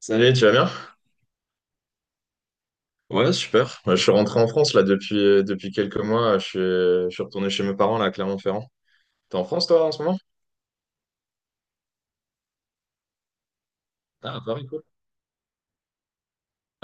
Salut, tu vas bien? Ouais, super. Bah, je suis rentré en France là depuis quelques mois. Je suis retourné chez mes parents là à Clermont-Ferrand. T'es en France toi en ce moment? Ah, à Paris, cool.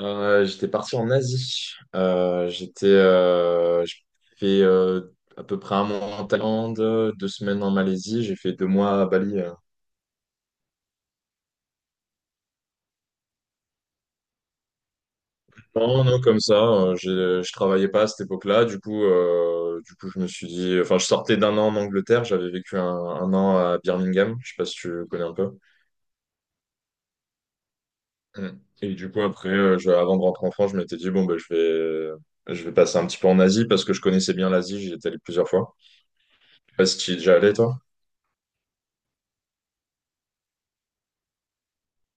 J'étais parti en Asie. J'ai fait à peu près un mois en Thaïlande, 2 semaines en Malaisie. J'ai fait deux mois à Bali. Non, non, comme ça. Je travaillais pas à cette époque-là. Du coup, je me suis dit. Enfin, je sortais d'un an en Angleterre. J'avais vécu un an à Birmingham. Je sais pas si tu connais un peu. Mm. Et du coup, après, avant de rentrer en France, je m'étais dit, bon, ben, je vais passer un petit peu en Asie parce que je connaissais bien l'Asie, j'y étais allé plusieurs fois. Je sais pas si tu y es déjà allé, toi?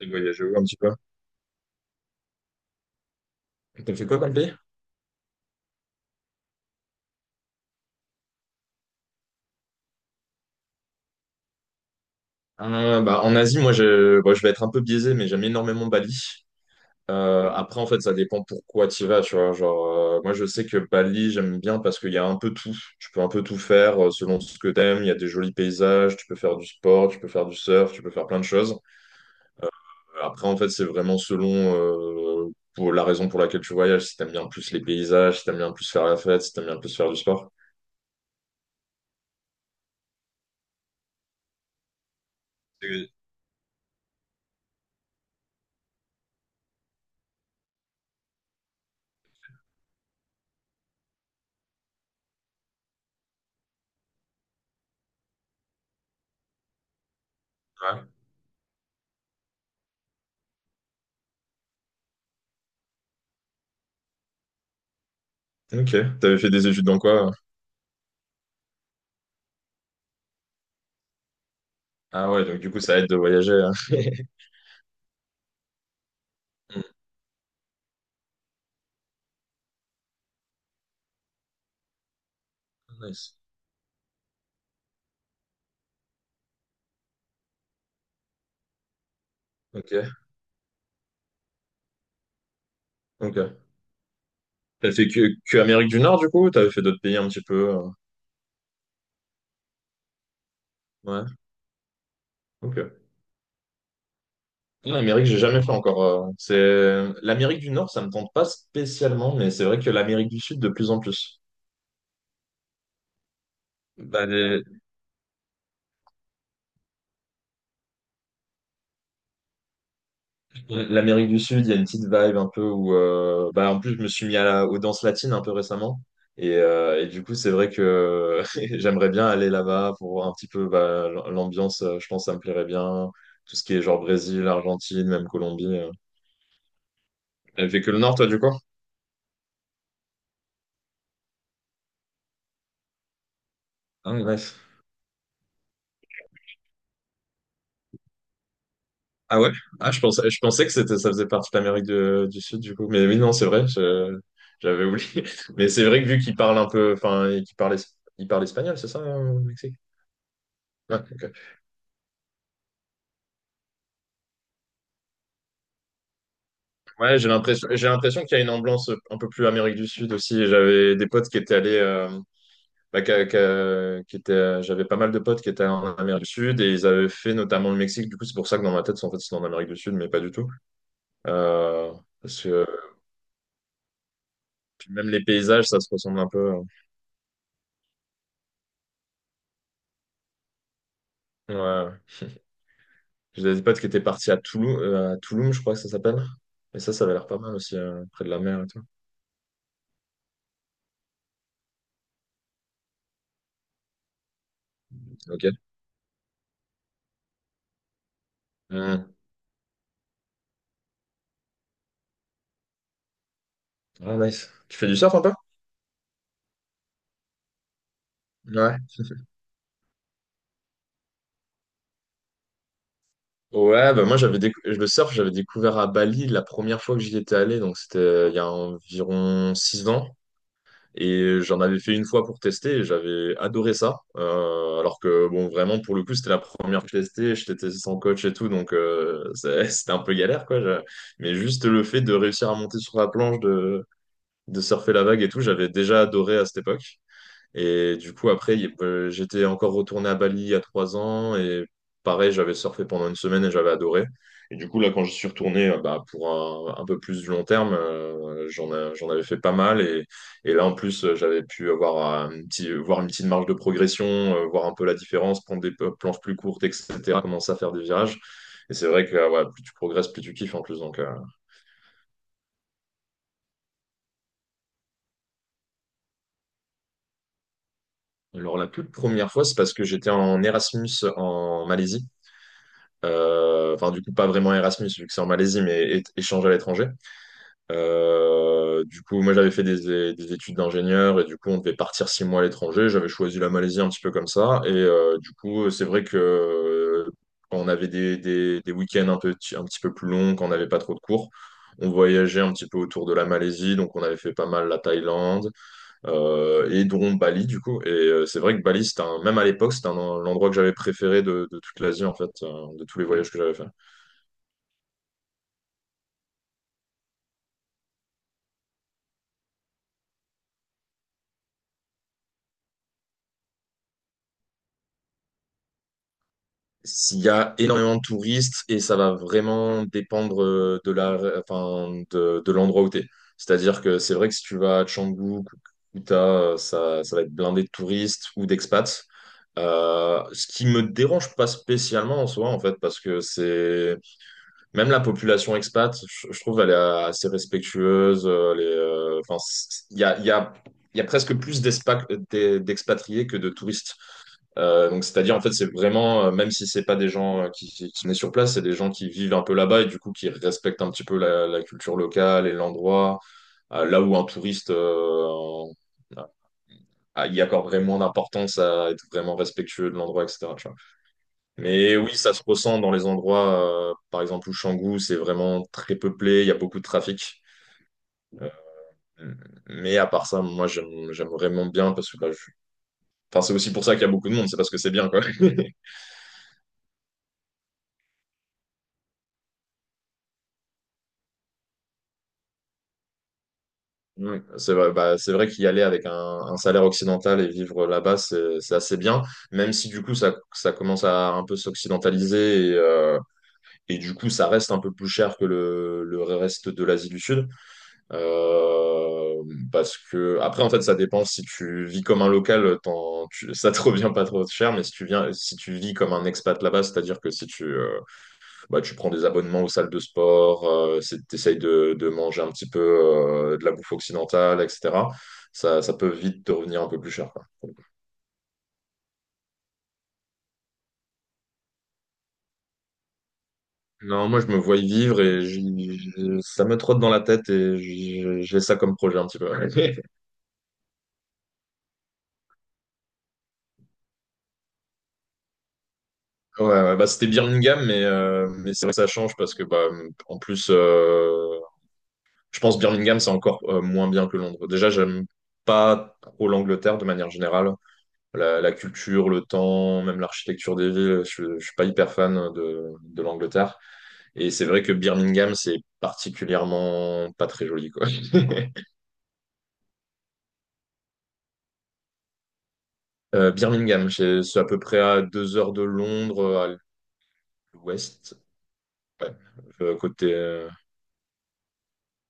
T'as voyagé où un petit peu? T'as fait quoi comme pays? Bah, en Asie, moi, bon, je vais être un peu biaisé, mais j'aime énormément Bali. Après, en fait, ça dépend pourquoi tu vas, tu vois. Genre, moi, je sais que Bali, j'aime bien parce qu'il y a un peu tout. Tu peux un peu tout faire selon ce que t'aimes. Il y a des jolis paysages, tu peux faire du sport, tu peux faire du surf, tu peux faire plein de choses. Après, en fait, c'est vraiment selon pour la raison pour laquelle tu voyages. Si t'aimes bien plus les paysages, si t'aimes bien plus faire la fête, si t'aimes bien plus faire du sport. Et- Ouais. Ok. T'avais fait des études dans quoi? Ah ouais, donc du coup, ça aide de voyager, hein. Mm. Nice. Ok. Ok. T'as fait que Amérique du Nord, du coup? Ou t'avais fait d'autres pays un petit peu? Ouais. Ok. Non, l'Amérique, j'ai jamais fait encore. C'est l'Amérique du Nord, ça me tente pas spécialement, mais c'est vrai que l'Amérique du Sud de plus en plus. Bah, l'Amérique du Sud, il y a une petite vibe un peu où, bah, en plus, je me suis mis à aux danses latines un peu récemment. Et du coup, c'est vrai que j'aimerais bien aller là-bas pour voir un petit peu bah, l'ambiance. Je pense que ça me plairait bien. Tout ce qui est genre Brésil, Argentine, même Colombie. T'as fait que le Nord, toi, du coup? Ah, nice. Ah ouais? Ah, je pensais que c'était, ça faisait partie de l'Amérique du Sud, du coup. Mais oui, non, c'est vrai. J'avais oublié. Mais c'est vrai que vu qu'ils parlent un peu, enfin, ils parlent espagnol, c'est ça, au Mexique? Ouais, ok. Ouais, j'ai l'impression qu'il y a une ambiance un peu plus Amérique du Sud aussi. J'avais des potes qui étaient allés, bah, j'avais pas mal de potes qui étaient en Amérique du Sud et ils avaient fait notamment le Mexique. Du coup, c'est pour ça que dans ma tête, en fait, c'est en Amérique du Sud, mais pas du tout. Euh, Parce que même les paysages, ça se ressemble un peu. Ouais. J'ai des potes qui étaient partis à à Tulum, je crois que ça s'appelle. Et ça avait l'air pas mal aussi, près de la mer et tout. Ok. Mm. Ah, nice. Tu fais du surf un peu? Ouais. Ouais, bah moi le surf, j'avais découvert à Bali la première fois que j'y étais allé, donc c'était il y a environ 6 ans. Et j'en avais fait une fois pour tester et j'avais adoré ça. Alors que, bon, vraiment, pour le coup, c'était la première que je testais. Je testais sans coach et tout, donc c'était un peu galère, quoi. Mais juste le fait de réussir à monter sur la planche, de surfer la vague et tout, j'avais déjà adoré à cette époque. Et du coup, après, j'étais encore retourné à Bali il y a 3 ans et pareil, j'avais surfé pendant une semaine et j'avais adoré. Et du coup, là, quand je suis retourné bah, pour un peu plus du long terme, j'en avais fait pas mal. Et là, en plus, j'avais pu avoir voir une petite marge de progression, voir un peu la différence, prendre des planches plus courtes, etc., commencer à faire des virages. Et c'est vrai que ouais, plus tu progresses, plus tu kiffes en plus. Donc. Alors, la toute première fois, c'est parce que j'étais en Erasmus en Malaisie. Enfin, du coup, pas vraiment Erasmus, vu que c'est en Malaisie, mais échange à l'étranger. Du coup, moi, j'avais fait des études d'ingénieur et du coup, on devait partir 6 mois à l'étranger. J'avais choisi la Malaisie un petit peu comme ça. Du coup, c'est vrai que quand on avait des week-ends un peu, un petit peu plus longs, quand on n'avait pas trop de cours, on voyageait un petit peu autour de la Malaisie. Donc, on avait fait pas mal la Thaïlande et dont Bali, du coup. C'est vrai que Bali, c'était même à l'époque, c'était l'endroit que j'avais préféré de toute l'Asie, en fait, de tous les voyages que j'avais fait. S'il y a énormément de touristes et ça va vraiment dépendre de la, enfin, de l'endroit où tu es. C'est-à-dire que c'est vrai que si tu vas à Canggu, ou Kuta, ça, ça va être blindé de touristes ou d'expats. Ce qui me dérange pas spécialement en soi, en fait, parce que c'est même la population expat, je trouve, elle est assez respectueuse. Enfin, il y a, il y a, il y a presque plus d'expatriés que de touristes. Donc, c'est-à-dire, en fait, c'est vraiment, même si c'est pas des gens qui naissent sur place, c'est des gens qui vivent un peu là-bas et du coup qui respectent un petit peu la culture locale et l'endroit. Là où un touriste, ah, il y accorderait moins d'importance à être vraiment respectueux de l'endroit, etc. tu vois. Mais oui, ça se ressent dans les endroits, par exemple, où Canggu, c'est vraiment très peuplé, il y a beaucoup de trafic. Mais à part ça, moi, j'aime vraiment bien parce que bah, enfin, c'est aussi pour ça qu'il y a beaucoup de monde, c'est parce que c'est bien, quoi. Oui, c'est vrai, bah, c'est vrai qu'y aller avec un salaire occidental et vivre là-bas, c'est assez bien, même si du coup ça, ça commence à un peu s'occidentaliser et du coup ça reste un peu plus cher que le reste de l'Asie du Sud. Euh, Parce que après, en fait, ça dépend si tu vis comme un local, ça te revient pas trop cher, mais si tu vis comme un expat là-bas, c'est-à-dire que si tu, bah, tu prends des abonnements aux salles de sport, tu essayes de manger un petit peu de la bouffe occidentale, etc. Ça peut vite te revenir un peu plus cher, quoi. Non, moi, je me vois y vivre et ça me trotte dans la tête et j'ai ça comme projet un petit peu. Ouais, ouais, ouais, bah, c'était Birmingham, mais c'est vrai que ça change parce que, bah, en plus, je pense Birmingham, c'est encore moins bien que Londres. Déjà, j'aime pas trop l'Angleterre de manière générale. La culture, le temps, même l'architecture des villes. Je ne suis pas hyper fan de l'Angleterre. Et c'est vrai que Birmingham, c'est particulièrement pas très joli, quoi. Birmingham, c'est à peu près à 2 heures de Londres, à l'ouest. Ouais. Côté.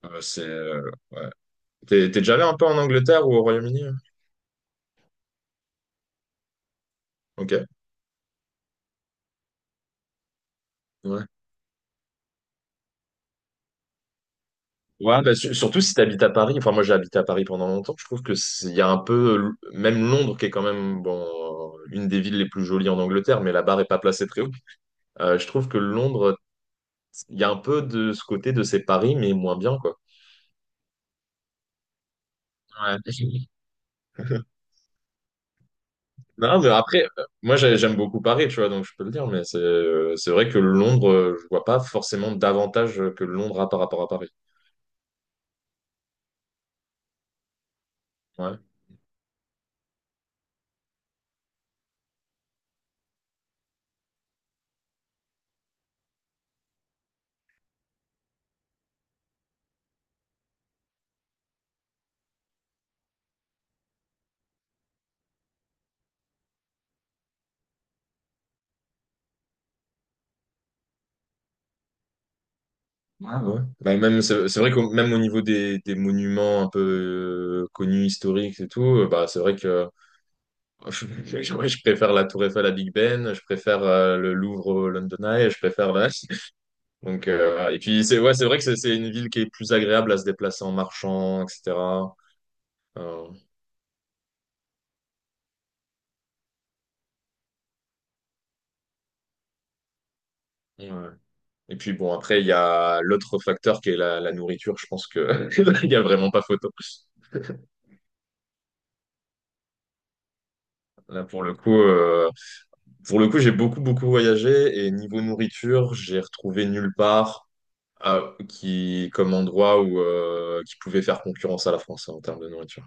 C'est. Ouais. T'es déjà allé un peu en Angleterre ou au Royaume-Uni, hein? Ok. Ouais, ouais, bah, surtout si tu habites à Paris. Enfin, moi, j'ai habité à Paris pendant longtemps. Je trouve que il y a un peu, même Londres, qui est quand même bon, une des villes les plus jolies en Angleterre, mais la barre est pas placée très haut. Je trouve que Londres, il y a un peu de ce côté de c'est Paris, mais moins bien, quoi. Ouais. Non, mais après, moi, j'aime beaucoup Paris, tu vois, donc je peux le dire, mais c'est vrai que Londres, je vois pas forcément davantage que Londres a par rapport à Paris. Ouais. Ah ouais. Bah, même, c'est vrai que même au niveau des monuments un peu connus, historiques et tout, bah, c'est vrai que je, ouais, je préfère la Tour Eiffel à Big Ben, je préfère le Louvre au London Eye, je préfère Donc, voilà. Et puis, c'est ouais, c'est vrai que c'est une ville qui est plus agréable à se déplacer en marchant, etc. Euh, ouais. Et puis, bon, après, il y a l'autre facteur qui est la nourriture. Je pense que il n'y a vraiment pas photo. Là, pour le coup. Pour le coup, j'ai beaucoup, beaucoup voyagé et niveau nourriture, j'ai retrouvé nulle part comme endroit où, qui pouvait faire concurrence à la France, hein, en termes de nourriture.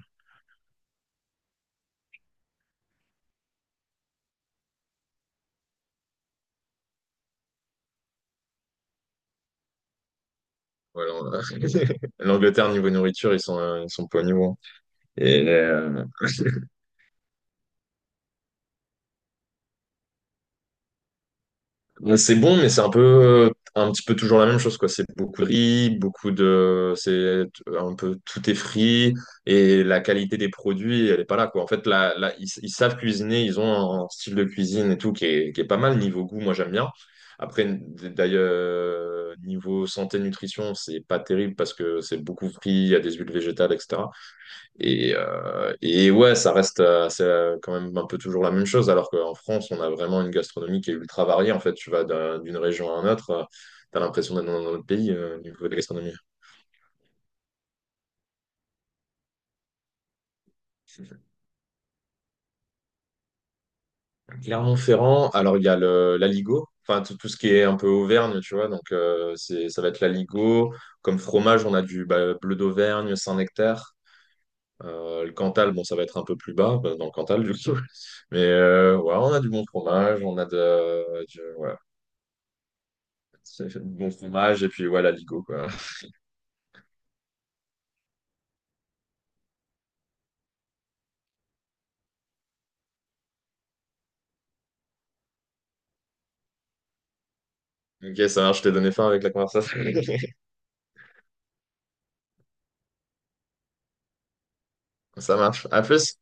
Voilà, L'Angleterre, niveau nourriture, ils sont pas au niveau, hein. Et, euh, Ouais, c'est bon, mais c'est un peu, un petit peu toujours la même chose, quoi. C'est beaucoup de riz, c'est un peu tout est frit et la qualité des produits, elle est pas là, quoi. En fait, là, ils savent cuisiner, ils ont un style de cuisine et tout qui est, pas mal niveau goût. Moi, j'aime bien. Après, d'ailleurs, niveau santé nutrition, c'est pas terrible parce que c'est beaucoup frit, il y a des huiles végétales, etc. Et ouais, ça reste c'est quand même un peu toujours la même chose, alors qu'en France, on a vraiment une gastronomie qui est ultra variée. En fait, tu vas d'une région à une autre, tu as l'impression d'être dans un autre pays au niveau de la gastronomie. Clermont-Ferrand, alors il y a l'aligot, enfin tout, tout ce qui est un peu Auvergne, tu vois, ça va être l'aligot. Comme fromage, on a du bah, bleu d'Auvergne, Saint-Nectaire. Le Cantal, bon, ça va être un peu plus bas, bah, dans le Cantal, du coup. Ouais, on a du bon fromage, c'est bon fromage et puis ouais, la Ligo, quoi. Ok, ça marche, je t'ai donné faim avec la conversation. Ça marche. À plus.